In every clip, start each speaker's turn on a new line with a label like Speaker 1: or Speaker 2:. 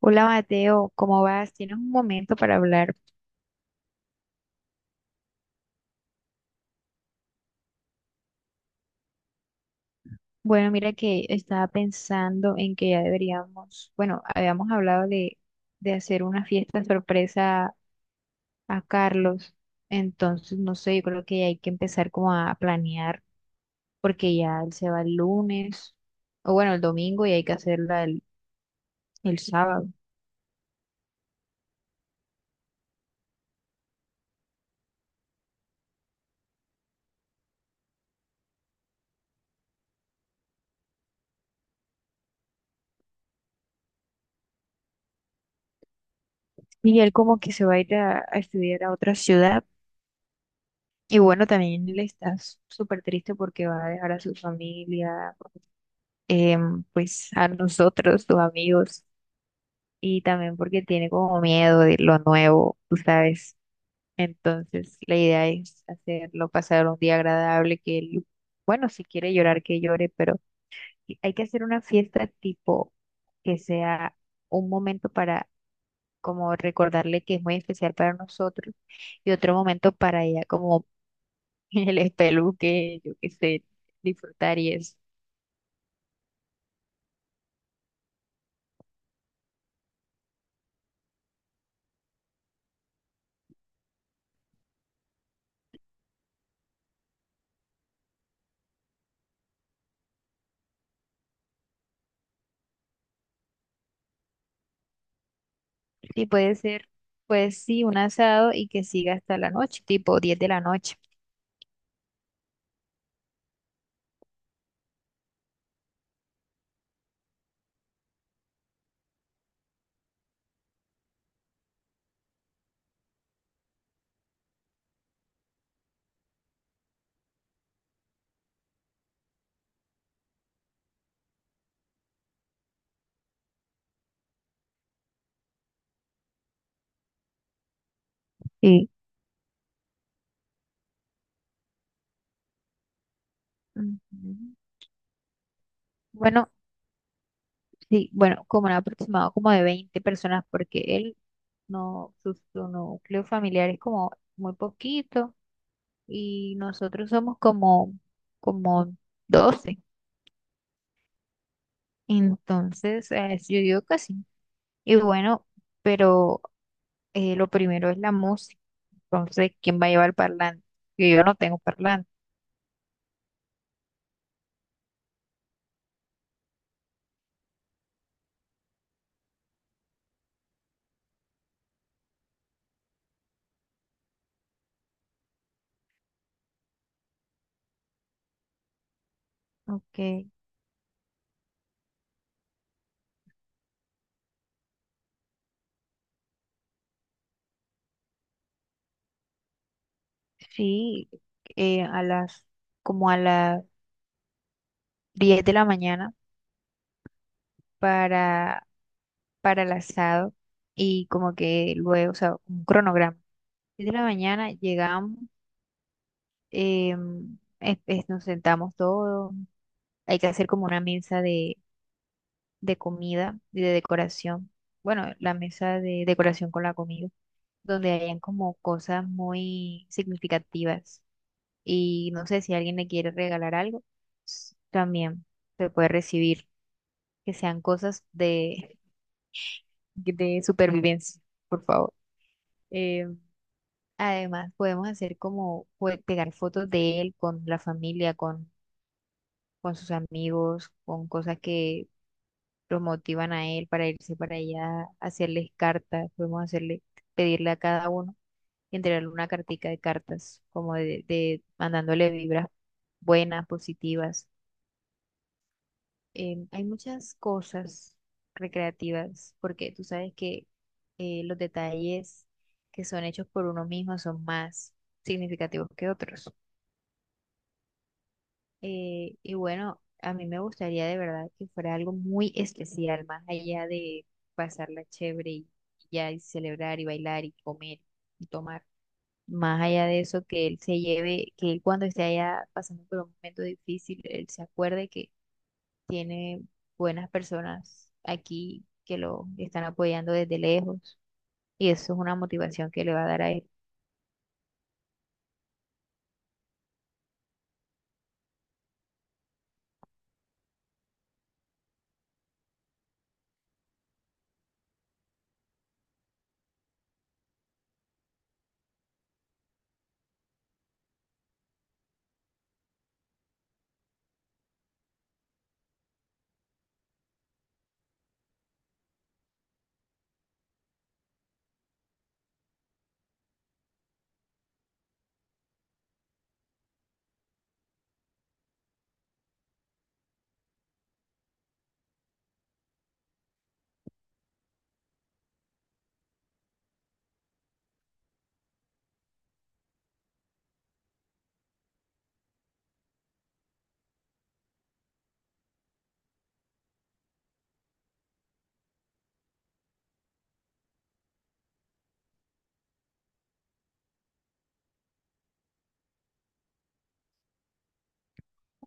Speaker 1: Hola Mateo, ¿cómo vas? ¿Tienes un momento para hablar? Bueno, mira que estaba pensando en que ya deberíamos, bueno, habíamos hablado de hacer una fiesta sorpresa a Carlos. Entonces no sé, yo creo que hay que empezar como a planear porque ya él se va el lunes, o bueno, el domingo, y hay que hacerla el sábado. Y él como que se va a ir a estudiar a otra ciudad. Y bueno, también él está súper triste porque va a dejar a su familia, pues a nosotros, sus amigos, y también porque tiene como miedo de lo nuevo, tú sabes. Entonces, la idea es hacerlo pasar un día agradable, que él, bueno, si quiere llorar, que llore, pero hay que hacer una fiesta tipo que sea un momento para como recordarle que es muy especial para nosotros, y otro momento para ella como el espeluque, yo qué sé, disfrutar y eso. Y puede ser, pues sí, un asado y que siga hasta la noche, tipo diez de la noche. Sí. Ujú. Bueno, sí, bueno, como un aproximado como de 20 personas, porque él no, su núcleo familiar es como muy poquito y nosotros somos como, como doce. Entonces, yo digo que sí. Y bueno, pero lo primero es la música. Entonces, ¿quién va a llevar el parlante? Que yo no tengo parlante. Ok. Sí, a las como a las 10 de la mañana para, para el asado, y como que luego, o sea, un cronograma. Diez de la mañana llegamos, nos sentamos todos, hay que hacer como una mesa de comida y de decoración. Bueno, la mesa de decoración con la comida, donde hayan como cosas muy significativas. Y no sé si alguien le quiere regalar algo, también se puede recibir. Que sean cosas de supervivencia, por favor. Eh, Además, podemos hacer como pegar fotos de él con la familia, con sus amigos, con cosas que los motivan a él para irse para allá, hacerles cartas, podemos hacerle, pedirle a cada uno, entregarle una cartica de cartas, como de mandándole vibras buenas, positivas. Hay muchas cosas recreativas, porque tú sabes que los detalles que son hechos por uno mismo son más significativos que otros. Y bueno, a mí me gustaría de verdad que fuera algo muy especial, más allá de pasarla chévere y ya, y celebrar y bailar y comer y tomar. Más allá de eso, que él se lleve, que él cuando esté allá pasando por un momento difícil, él se acuerde, tiene buenas personas aquí que lo están apoyando desde lejos, y eso es una motivación que le va a dar a él.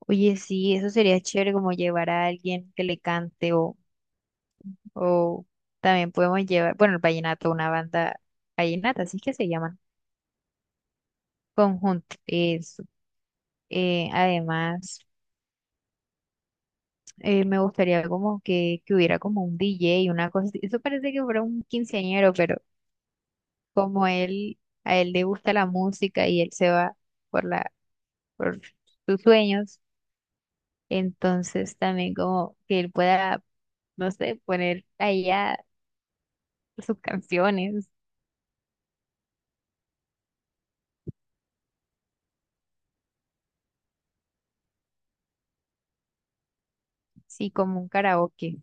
Speaker 1: Oye, sí, eso sería chévere, como llevar a alguien que le cante, o también podemos llevar, bueno, el vallenato, una banda vallenata, así es que se llaman, conjunto, eso. Además, me gustaría como que hubiera como un DJ y una cosa así. Eso parece que fuera un quinceañero, pero como él, a él le gusta la música y él se va por la, por sus sueños. Entonces también como que él pueda, no sé, poner allá sus canciones, sí, como un karaoke.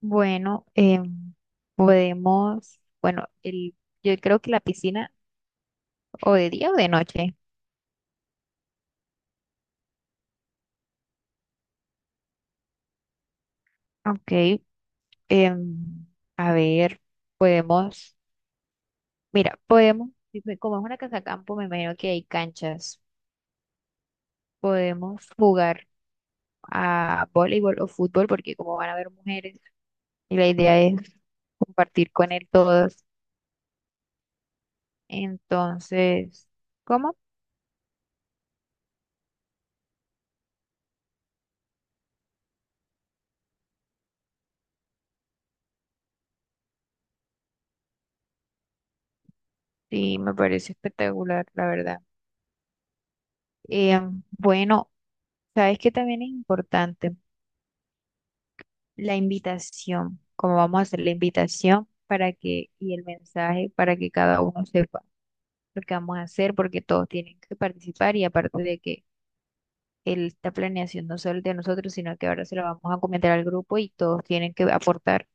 Speaker 1: Bueno, podemos, bueno, el, yo creo que la piscina, o de día o de noche. Ok, em, a ver, podemos, mira, podemos, si como es una casa campo, me imagino que hay canchas, podemos jugar a voleibol o fútbol, porque como van a haber mujeres y la idea es compartir con él todas. Entonces, ¿cómo? Sí, me parece espectacular, la verdad. Eh, bueno, sabes que también es importante la invitación, cómo vamos a hacer la invitación para que, y el mensaje para que cada uno sepa lo que vamos a hacer, porque todos tienen que participar, y aparte de que esta planeación no solo es de nosotros, sino que ahora se lo vamos a comentar al grupo y todos tienen que aportar.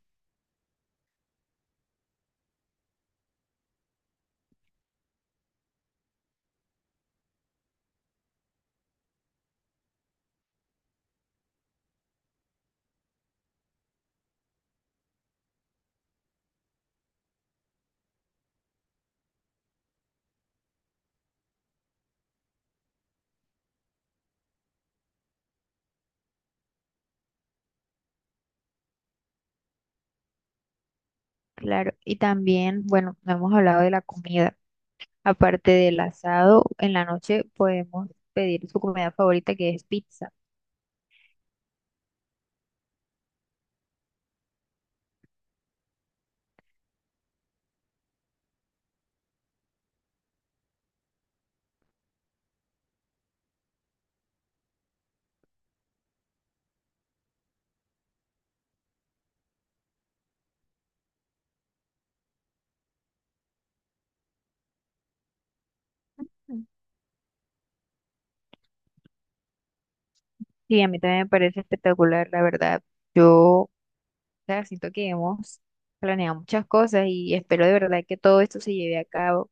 Speaker 1: Claro, y también, bueno, no hemos hablado de la comida. Aparte del asado, en la noche podemos pedir su comida favorita que es pizza. Mm. Y a mí también me parece espectacular, la verdad. Yo, o sea, siento que hemos planeado muchas cosas y espero de verdad que todo esto se lleve a cabo.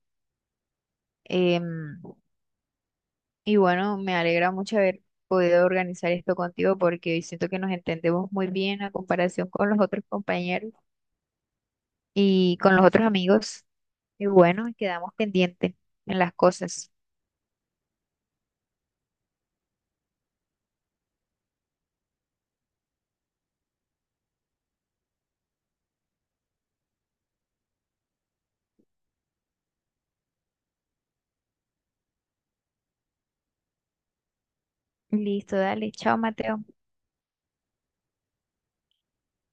Speaker 1: Em, y bueno, me alegra mucho haber podido organizar esto contigo, porque siento que nos entendemos muy bien a comparación con los otros compañeros y con los otros amigos. Y bueno, quedamos pendientes en las cosas. Listo, dale, chao, Mateo.